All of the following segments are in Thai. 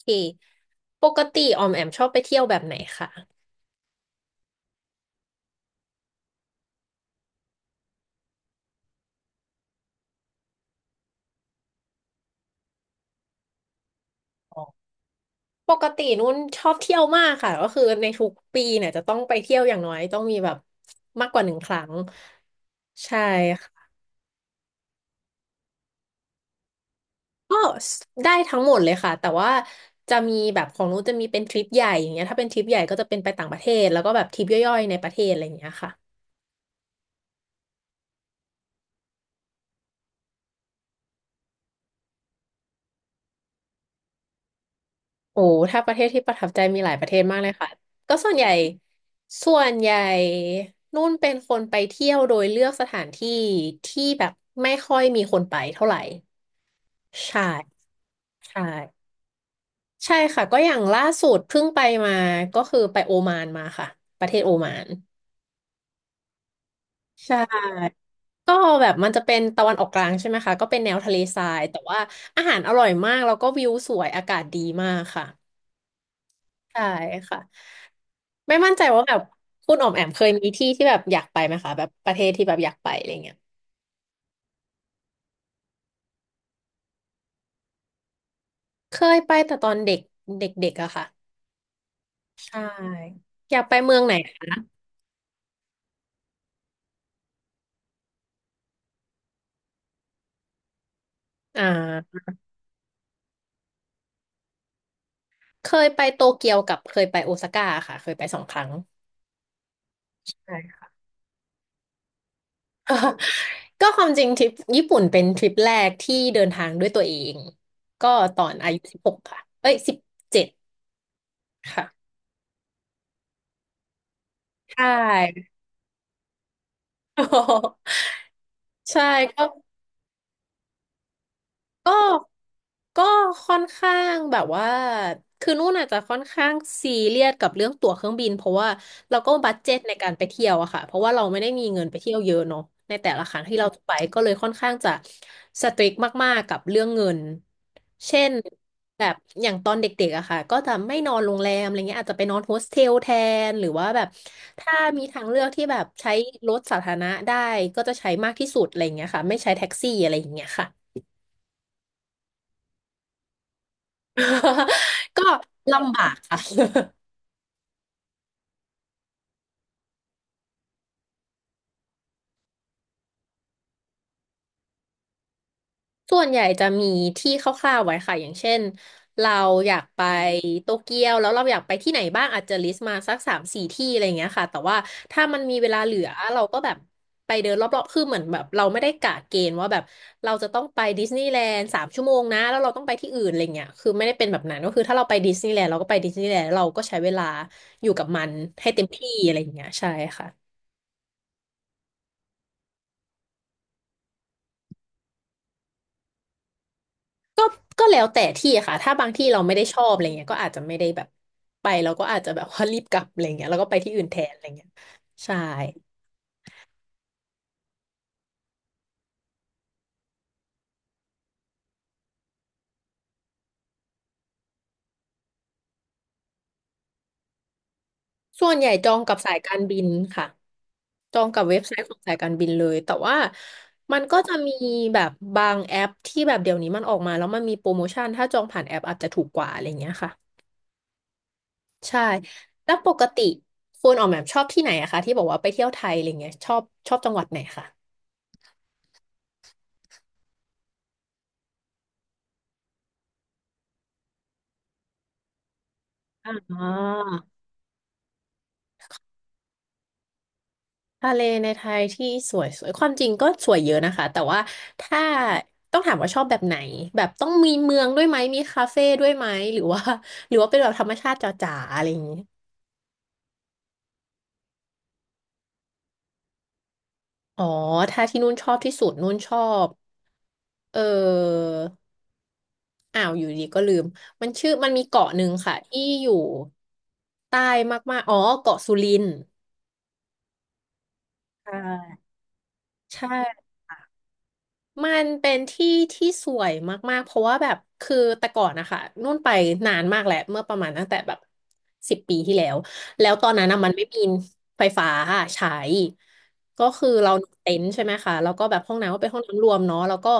เคปกติออมแอมชอบไปเที่ยวแบบไหนคะปกตินุ่นชอบเที่ยวมากค่ะก็คือในทุกปีเนี่ยจะต้องไปเที่ยวอย่างน้อยต้องมีแบบมากกว่า1 ครั้งใช่ค่ะก็ได้ทั้งหมดเลยค่ะแต่ว่าจะมีแบบของนุ่นจะมีเป็นทริปใหญ่อย่างเงี้ยถ้าเป็นทริปใหญ่ก็จะเป็นไปต่างประเทศแล้วก็แบบทริปย่อยๆในประเทศอะไรอย่างเงี้ยค่ะ โอ้ถ้าประเทศที่ประทับใจมีหลายประเทศมากเลยค่ะก็ส่วนใหญ่นุ่นเป็นคนไปเที่ยวโดยเลือกสถานที่ที่แบบไม่ค่อยมีคนไปเท่าไหร่ใช่ใช่ใช่ค่ะก็อย่างล่าสุดเพิ่งไปมาก็คือไปโอมานมาค่ะประเทศโอมานใช่ก็แบบมันจะเป็นตะวันออกกลางใช่ไหมคะก็เป็นแนวทะเลทรายแต่ว่าอาหารอร่อยมากแล้วก็วิวสวยอากาศดีมากค่ะใช่ค่ะ ไม่มั่นใจว่าแบบคุณอ๋อมแอมเคยมีที่ที่แบบอยากไปไหมคะแบบประเทศที่แบบอยากไปอะไรเงี้ยเคยไปแต่ตอนเด็กเด็กๆอะค่ะใช่อยากไปเมืองไหนอ่าเคยไปโตเกียวกับเคยไปโอซาก้าค่ะเคยไป2 ครั้งใช่ค่ะ ก็ความจริงทริปญี่ปุ่นเป็นทริปแรกที่เดินทางด้วยตัวเองก็ตอนอายุ16ค่ะเอ้ย17ค่ะใช่ ใช่ก็ ก็ก็ค่อนข้างแบบว่าคือนู่นอาจจะค่อนข้างซีเรียสกับเรื่องตั๋วเครื่องบินเพราะว่าเราก็บัดเจ็ตในการไปเที่ยวอะค่ะเพราะว่าเราไม่ได้มีเงินไปเที่ยวเยอะเนาะในแต่ละครั้งที่เราไปก็เลยค่อนข้างจะสตริกมากๆกับเรื่องเงินเช่นแบบอย่างตอนเด็กๆอะค่ะก็จะไม่นอนโรงแรมอะไรเงี้ยอาจจะไปนอนโฮสเทลแทนหรือว่าแบบถ้ามีทางเลือกที่แบบใช้รถสาธารณะได้ก็จะใช้มากที่สุดอะไรเงี้ยค่ะไม่ใช้แท็กซี่อะไรอย่างเงี้ยค่ะ ก็ลำบากค่ะ ส่วนใหญ่จะมีที่คร่าวๆไว้ค่ะอย่างเช่นเราอยากไปโตเกียวแล้วเราอยากไปที่ไหนบ้างอาจจะลิสต์มาสักสามสี่ที่อะไรอย่างเงี้ยค่ะแต่ว่าถ้ามันมีเวลาเหลือเราก็แบบไปเดินรอบๆคือเหมือนแบบเราไม่ได้กะเกณฑ์ว่าแบบเราจะต้องไปดิสนีย์แลนด์3 ชั่วโมงนะแล้วเราต้องไปที่อื่นอะไรเงี้ยคือไม่ได้เป็นแบบนั้นก็คือถ้าเราไปดิสนีย์แลนด์เราก็ไปดิสนีย์แลนด์เราก็ใช้เวลาอยู่กับมันให้เต็มที่อะไรอย่างเงี้ยใช่ค่ะ ก็ก็แล้วแต่ที่ค่ะถ้าบางที่เราไม่ได้ชอบอะไรเงี้ยก็อาจจะไม่ได้แบบไปเราก็อาจจะแบบว่ารีบกลับอะไรเงี้ยแล้วก็ไปที่อื่นแทนอะไรเงี้ยใช่ส่วนใหญ่จองกับสายการบินค่ะจองกับเว็บไซต์ของสายการบินเลยแต่ว่ามันก็จะมีแบบบางแอปที่แบบเดี๋ยวนี้มันออกมาแล้วมันมีโปรโมชั่นถ้าจองผ่านแอปอาจจะถูกกว่าอะไรเงี้ยค่ะใช่แล้วปกติคุณออกแบบชอบที่ไหนอะคะที่บอกว่าไปเที่ยวไทยอะไรเงี้ยชอบจังหวัดไหนคะอ่า ทะเลในไทยที่สวยสวยความจริงก็สวยเยอะนะคะ แต่ว่าถ้าต้องถามว่าชอบแบบไหนแบบต้องมีเมืองด้วยไหม มีคาเฟ่ด้วยไหม หรือว่า หรือว่าเป็นแบบธรรมชาติจ๋าๆอะไรอย่างนี้อ๋อถ้าที่นู่นชอบที่สุดนู่นชอบ เอออ้าวอยู่ดีก็ลืมมันชื่อมันมีเกาะหนึ่งค่ะที่อยู่ใต้มากๆอ๋อเกาะสุรินทร์ใช่ใช่ มันเป็นที่ที่สวยมากๆเพราะว่าแบบคือแต่ก่อนนะคะนู่นไปนานมากแหละเมื่อประมาณตั้งแต่แบบ10 ปีที่แล้วแล้วตอนนั้นนะมันไม่มีไฟฟ้าใช้ก็คือเราเต็นท์ใช่ไหมคะแล้วก็แบบห้องน้ำก็เป็นห้องน้ำรวมเนาะแล้วก็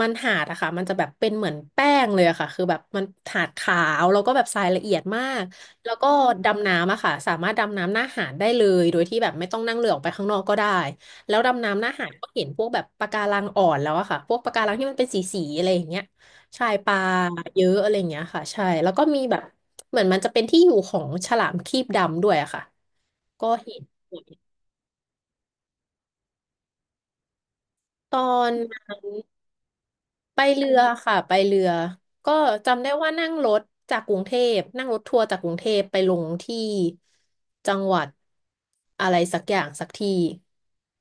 มันหาดอะค่ะมันจะแบบเป็นเหมือนแป้งเลยอะค่ะคือแบบมันหาดขาวแล้วก็แบบทรายละเอียดมากแล้วก็ดำน้ำอะค่ะสามารถดำน้ำหน้าหาดได้เลยโดยที่แบบไม่ต้องนั่งเรือออกไปข้างนอกก็ได้ แล้วดำน้ำหน้าหาดก็เห็นพวกแบบปะการังอ่อนแล้วอะค่ะพวกปะการังที่มันเป็นสีอะไรอย่างเงี้ยใช่ปลาเยอะอะไรอย่างเงี้ยค่ะใช่แล้วก็มีแบบเหมือนมันจะเป็นที่อยู่ของฉลามครีบดำด้วยอะค่ะก็เห็นตอนนั้น ไปเรือค่ะไปเรือก็จำได้ว่านั่งรถจากกรุงเทพนั่งรถทัวร์จากกรุงเทพไปลงที่จังหวัดอะไรสักอย่างสักที่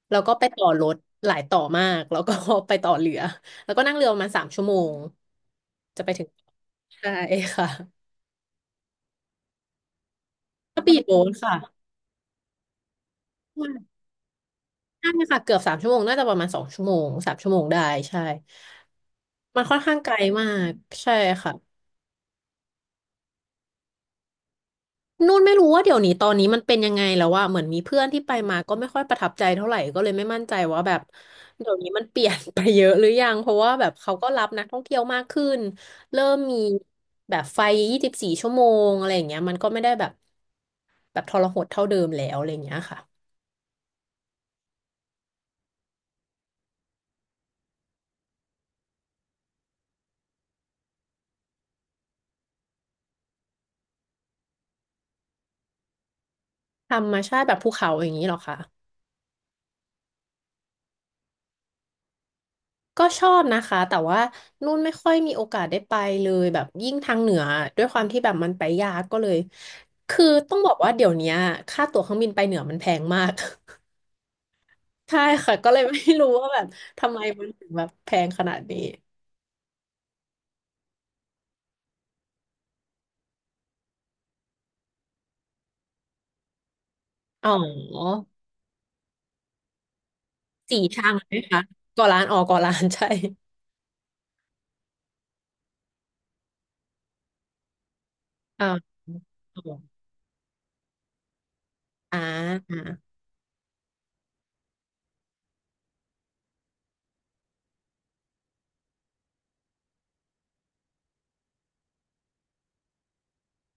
แล้วก็ไปต่อรถหลายต่อมากแล้วก็ ไปต่อเรือแล้วก็นั่งเรือประมาณสามชั่วโมงจะไปถึงใช่ค่ะก็ปีดโบ๊ทค่ะใช่ค่ะเกือบสามชั่วโมงน่าจะประมาณสองชั่วโมงสามชั่วโมงได้ใช่มันค่อนข้างไกลมากใช่ค่ะ นู่นไม่รู้ว่าเดี๋ยวนี้ตอนนี้มันเป็นยังไงแล้วว่าเหมือนมีเพื่อนที่ไปมาก็ไม่ค่อยประทับใจเท่าไหร่ก็เลยไม่มั่นใจว่าแบบเดี๋ยวนี้มันเปลี่ยน ไปเยอะหรือยังเพราะว่าแบบเขาก็รับนักท่องเที่ยวมากขึ้นเริ่มมีแบบไฟ24 ชั่วโมงอะไรอย่างเงี้ยมันก็ไม่ได้แบบทรหดเท่าเดิมแล้วอะไรอย่างเงี้ยค่ะธรรมชาติแบบภูเขาอย่างนี้เหรอคะ ก็ชอบนะคะแต่ว่านุ่นไม่ค่อยมีโอกาสได้ไปเลยแบบยิ่งทางเหนือด้วยความที่แบบมันไปยากก็เลยคือต้องบอกว่าเดี๋ยวเนี้ยค่าตั๋วเครื่องบินไปเหนือมันแพงมาก ใช่ค่ะก็เลยไม่รู้ว่าแบบทำไมมันถึงแบบแพงขนาดนี้อ๋อสี่ช่างไหมคะก่อล้านอ๋อก่อล้านใช่ อ๋าอ่า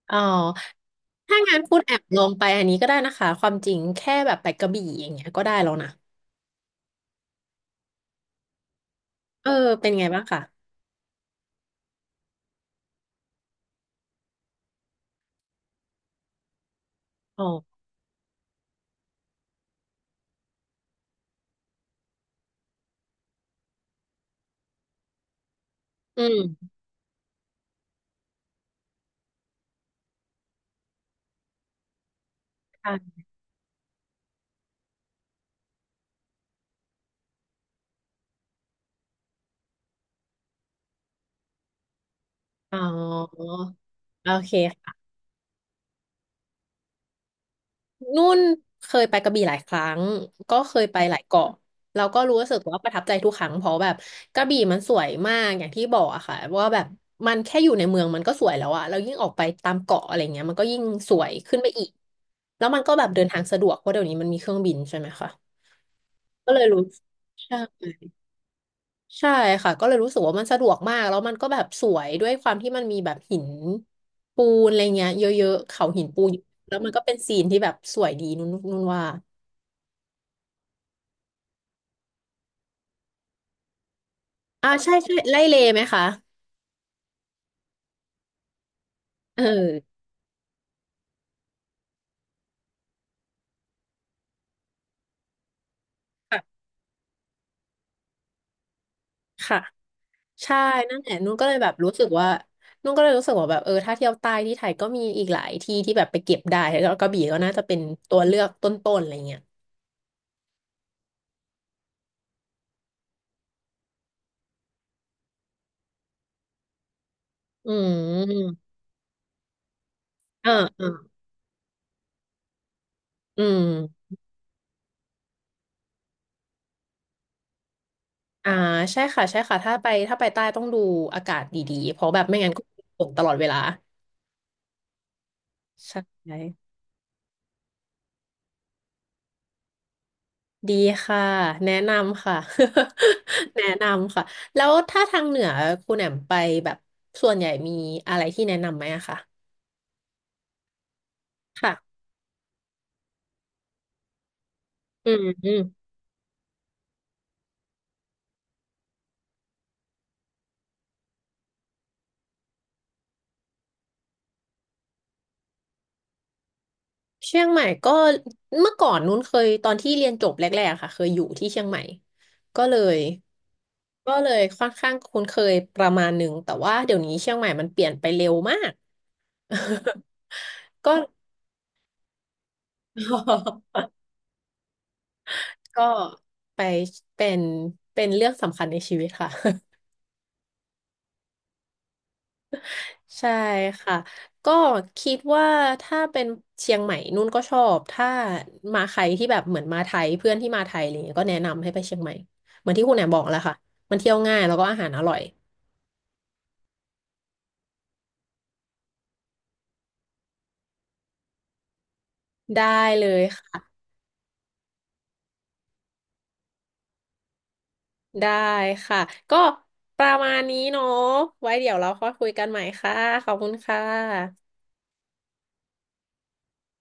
อ๋อถ้างั้นพูดแอบลองไปอันนี้ก็ได้นะคะความจริงแค่แบบไปกระบี่อย่างเงี้ยก็ได้แล้วนะเออเป็นไงบ้างคะ อืมค่ะอ๋อโอเคค่ะนุ่นเคยไปกระบี่หลายครั้งก็เคยไปหลายเกาะแล้วก็รู้สึกว่าประทับใจทุกครั้งเพราะแบบกระบี่มันสวยมากอย่างที่บอกอะค่ะว่าแบบมันแค่อยู่ในเมืองมันก็สวยแล้วอะแล้วยิ่งออกไปตามเกาะอะไรเงี้ยมันก็ยิ่งสวยขึ้นไปอีกแล้วมันก็แบบเดินทางสะดวกเพราะเดี๋ยวนี้มันมีเครื่องบินใช่ไหมคะก็เลยรู้ใช่ ใช่ค่ะก็เลยรู้สึกว่ามันสะดวกมากแล้วมันก็แบบสวยด้วยความที่มันมีแบบหินปูนอะไรเงี้ยเยอะๆเขาหินปูนแล้วมันก็เป็นซีนที่แบบสวยดีนุ่นว่าอ่าใช่ใช่ไล่เลไหมคะเออค่ะค่ะใช่นั่นแหละนุ่นก็เลยแบบรู้สึกว่านุ่นก็เลยรู้สึกว่าแบบเออถ้าเที่ยวใต้ที่ไทยก็มีอีกหลายที่ที่แบบไปเก็บได้แล้วกระบี่ก็น่าจะเป็นตัวเลือกต้นๆอะไรเงี้ยอืมอ่าอ่าอืม อ่าใช่ค่ะใช่ค่ะถ้าไปใต้ต้องดูอากาศดีๆเพราะแบบไม่งั้นก็ฝนตลอดเวลาใช่ดีค่ะแนะนำค่ะ แนะนำค่ะแล้วถ้าทางเหนือคุณแอมมไปแบบส่วนใหญ่มีอะไรที่แนะนำไหมอะคะค่ะอืมเชียงใหม่ก็เมื่อก่อนนู้นเคยตอนที่เรียนจบแรกๆค่ะเคยอยู่ที่เชียงใหม่ก็เลยก็เลยค่อนข้างคุ้นเคยประมาณหนึ่งแต่ว่าเดี๋ยวนี้เชียงใหม่มันเปลี่ยนไปเร็วมาก ก็ ก็ไปเป็นเป็นเรื่องสำคัญในชีวิตค่ะ ใช่ค่ะก็คิดว่าถ้าเป็นเชียงใหม่นุ่นก็ชอบถ้ามาใครที่แบบเหมือนมาไทยเพื่อนที่มาไทยอะไรเงี้ยก็แนะนำให้ไปเชียงใหม่เหมือนที่คุณแหนมบอกแล้วค่ะมันเที่ยวง่ายแล้วก็อาหารอร่อยได้เลยค่ะได้ค่ะก็ประมาณนี้เนาะไว้เดี๋ยวเราค่อยคุยกันใหม่ค่ะขอบคุณค่ะ